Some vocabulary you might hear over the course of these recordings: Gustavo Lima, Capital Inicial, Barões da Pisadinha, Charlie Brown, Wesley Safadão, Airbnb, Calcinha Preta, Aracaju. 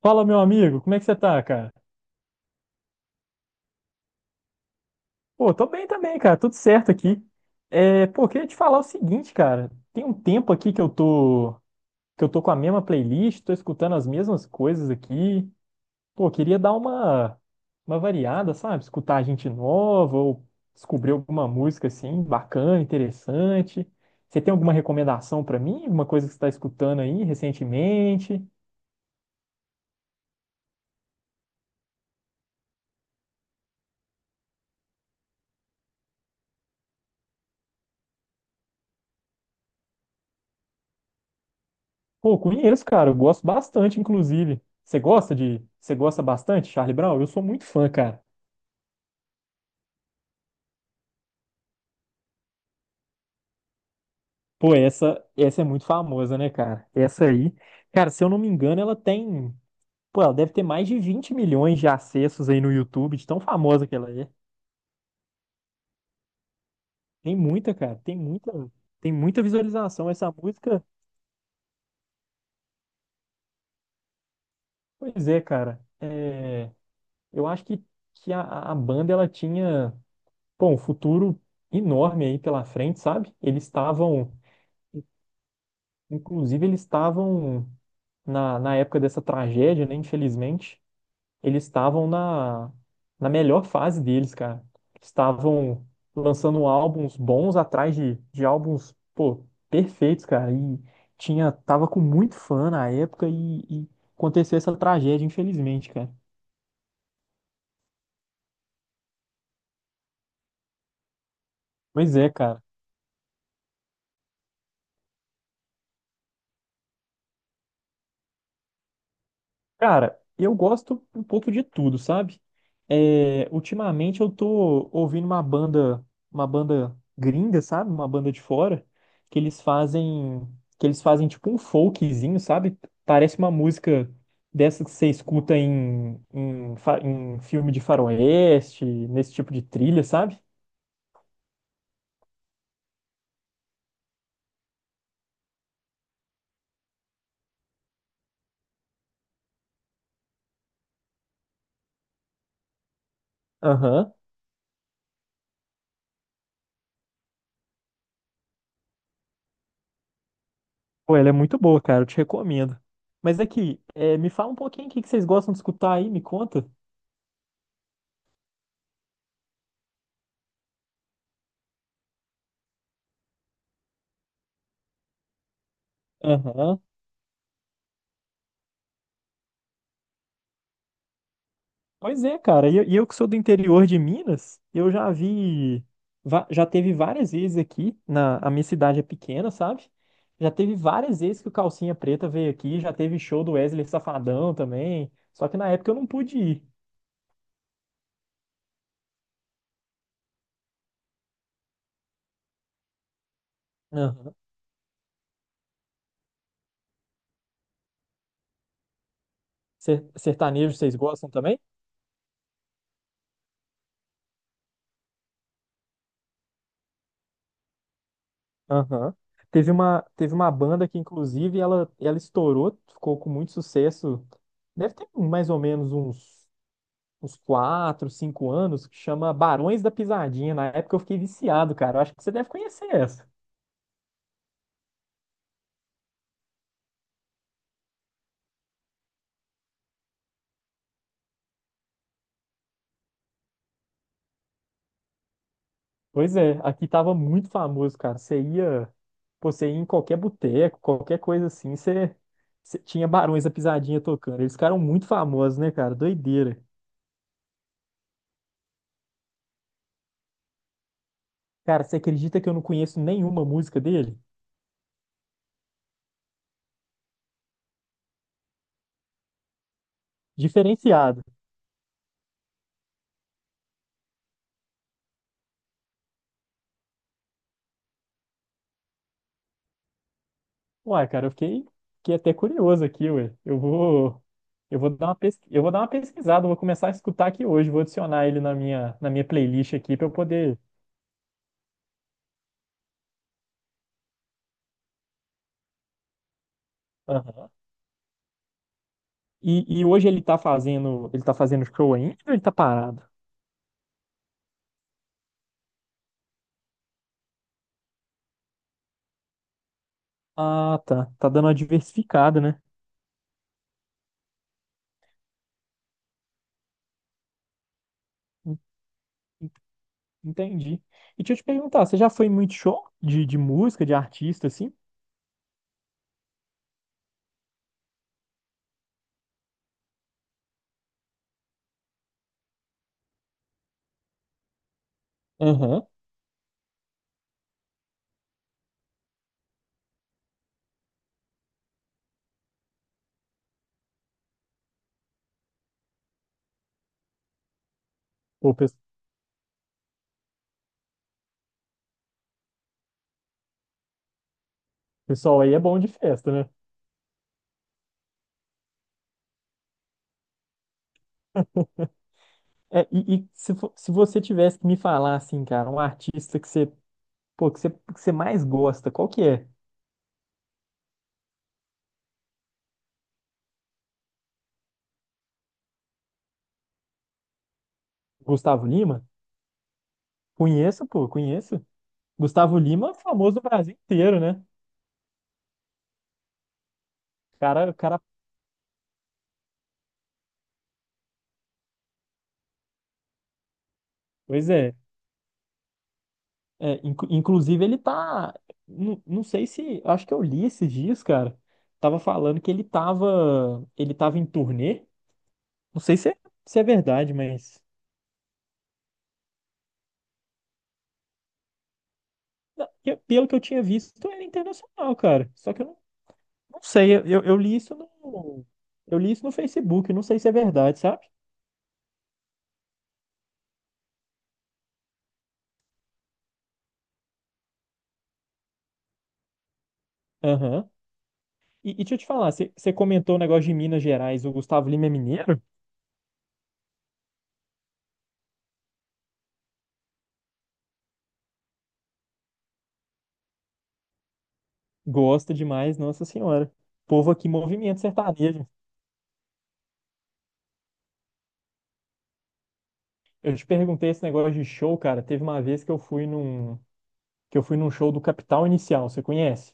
Fala, meu amigo, como é que você tá, cara? Pô, tô bem também, cara, tudo certo aqui. É, pô, queria te falar o seguinte, cara, tem um tempo aqui que eu tô com a mesma playlist, tô escutando as mesmas coisas aqui. Pô, queria dar uma variada, sabe? Escutar gente nova ou descobrir alguma música assim, bacana, interessante. Você tem alguma recomendação pra mim? Alguma coisa que você tá escutando aí recentemente? Pô, conheço, cara. Eu gosto bastante, inclusive. Você gosta de. Você gosta bastante, Charlie Brown? Eu sou muito fã, cara. Pô, essa é muito famosa, né, cara? Essa aí. Cara, se eu não me engano, ela tem. Pô, ela deve ter mais de 20 milhões de acessos aí no YouTube, de tão famosa que ela é. Tem muita, cara. Tem muita. Tem muita visualização. Essa música. Pois é, cara. É, eu acho que a banda ela tinha. Pô, um futuro enorme aí pela frente, sabe? Eles estavam. Inclusive, eles estavam, na época dessa tragédia, né? Infelizmente, eles estavam na melhor fase deles, cara. Estavam lançando álbuns bons atrás de álbuns, pô, perfeitos, cara. E tava com muito fã na época e aconteceu essa tragédia, infelizmente, cara. Pois é, cara. Cara, eu gosto um pouco de tudo, sabe? É, ultimamente eu tô ouvindo uma banda gringa, sabe? Uma banda de fora, que eles fazem, que eles fazem tipo um folkzinho, sabe? Parece uma música dessa que você escuta em filme de faroeste, nesse tipo de trilha, sabe? Aham. Pô, ela é muito boa, cara. Eu te recomendo. Mas aqui, me fala um pouquinho o que que vocês gostam de escutar aí, me conta. Aham. Pois é, cara. E eu que sou do interior de Minas, eu já vi, va- já teve várias vezes aqui, a minha cidade é pequena, sabe? Já teve várias vezes que o Calcinha Preta veio aqui, já teve show do Wesley Safadão também, só que na época eu não pude ir. Aham. Sertanejo, vocês gostam também? Aham. Teve uma banda que, inclusive, ela estourou, ficou com muito sucesso. Deve ter mais ou menos uns quatro, cinco anos, que chama Barões da Pisadinha. Na época eu fiquei viciado, cara. Eu acho que você deve conhecer essa. Pois é, aqui tava muito famoso, cara. Pô, você ia em qualquer boteco, qualquer coisa assim, você tinha Barões da Pisadinha tocando. Eles ficaram muito famosos, né, cara? Doideira. Cara, você acredita que eu não conheço nenhuma música dele? Diferenciado. Uai, cara, fiquei até curioso aqui, ué. Eu vou dar uma pesquisada, eu vou começar a escutar aqui hoje, vou adicionar ele na minha playlist aqui para eu poder. Aham. E hoje ele tá fazendo show ainda ou ele tá parado? Ah, tá. Tá dando uma diversificada, né? En- Entendi. E deixa eu te perguntar, você já foi em muito show de música, de artista, assim? Aham. Pô, o pessoal aí é bom de festa, né? Se você tivesse que me falar, assim, cara, um artista que você. Pô, que você mais gosta, qual que é? Gustavo Lima? Conheço, pô, conheço. Gustavo Lima, é famoso no Brasil inteiro, né? Cara, pois é. Inclusive, ele tá. Não, não sei se. Acho que eu li esses dias, cara. Tava falando que ele tava em turnê. Não sei se é verdade, mas. Não, pelo que eu tinha visto, era internacional, cara. Só que eu não sei. Eu li isso no. Eu li isso no Facebook. Não sei se é verdade, sabe? Aham. E deixa eu te falar, você comentou o negócio de Minas Gerais, o Gustavo Lima é mineiro? Gosta demais, Nossa Senhora. Povo aqui, movimento sertanejo. Eu te perguntei esse negócio de show, cara. Teve uma vez que eu fui num show do Capital Inicial, você conhece?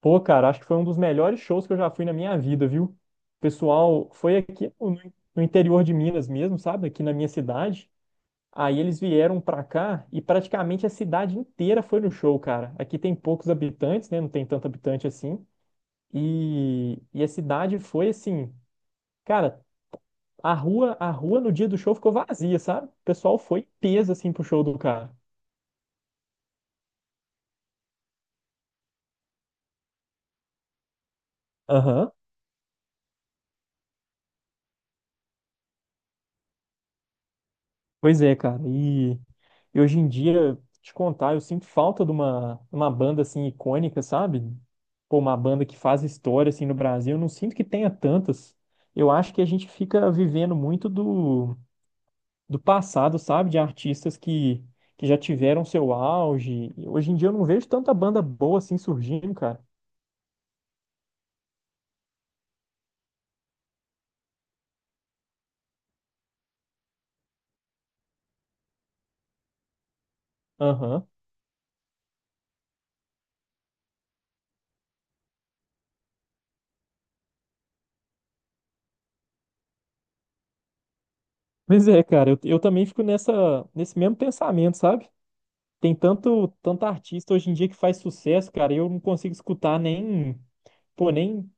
Pô, cara, acho que foi um dos melhores shows que eu já fui na minha vida, viu? O pessoal foi aqui no interior de Minas mesmo, sabe? Aqui na minha cidade. Aí eles vieram pra cá e praticamente a cidade inteira foi no show, cara. Aqui tem poucos habitantes, né? Não tem tanto habitante assim. E a cidade foi assim, cara, a rua no dia do show ficou vazia, sabe? O pessoal foi em peso assim pro show do cara. Aham. Pois é, cara. E hoje em dia, te contar, eu sinto falta de uma banda assim icônica, sabe? Pô, uma banda que faz história assim no Brasil, eu não sinto que tenha tantas. Eu acho que a gente fica vivendo muito do passado, sabe? De artistas que já tiveram seu auge e hoje em dia eu não vejo tanta banda boa assim surgindo, cara. Aham. Pois é, cara, eu também fico nesse mesmo pensamento, sabe? Tem tanto, tanto artista hoje em dia que faz sucesso, cara, e eu não consigo escutar nem, pô, nem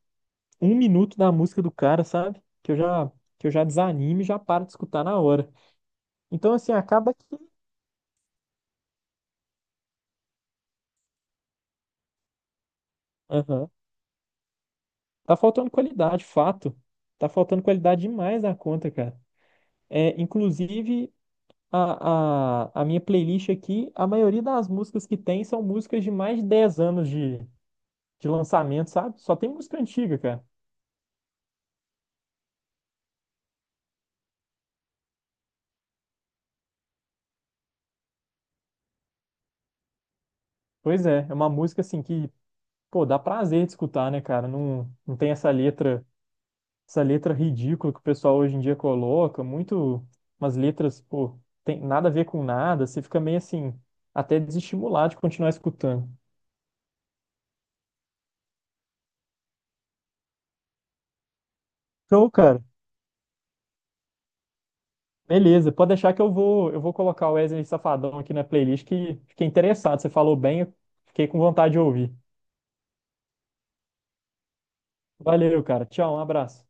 um minuto da música do cara, sabe? Que eu já desanimo e já paro de escutar na hora. Então, assim, acaba que. Aham. Tá faltando qualidade, fato. Tá faltando qualidade demais na conta, cara. É, inclusive, a minha playlist aqui, a maioria das músicas que tem são músicas de mais de 10 anos de lançamento, sabe? Só tem música antiga, cara. Pois é, é uma música assim que, pô, dá prazer de escutar, né, cara? Não, não tem essa letra, ridícula que o pessoal hoje em dia coloca, muito umas letras, pô, tem nada a ver com nada, você fica meio assim, até desestimulado de continuar escutando. Show, cara. Beleza, pode deixar que eu vou colocar o Wesley Safadão aqui na playlist que fiquei interessado, você falou bem, eu fiquei com vontade de ouvir. Valeu, cara. Tchau, um abraço.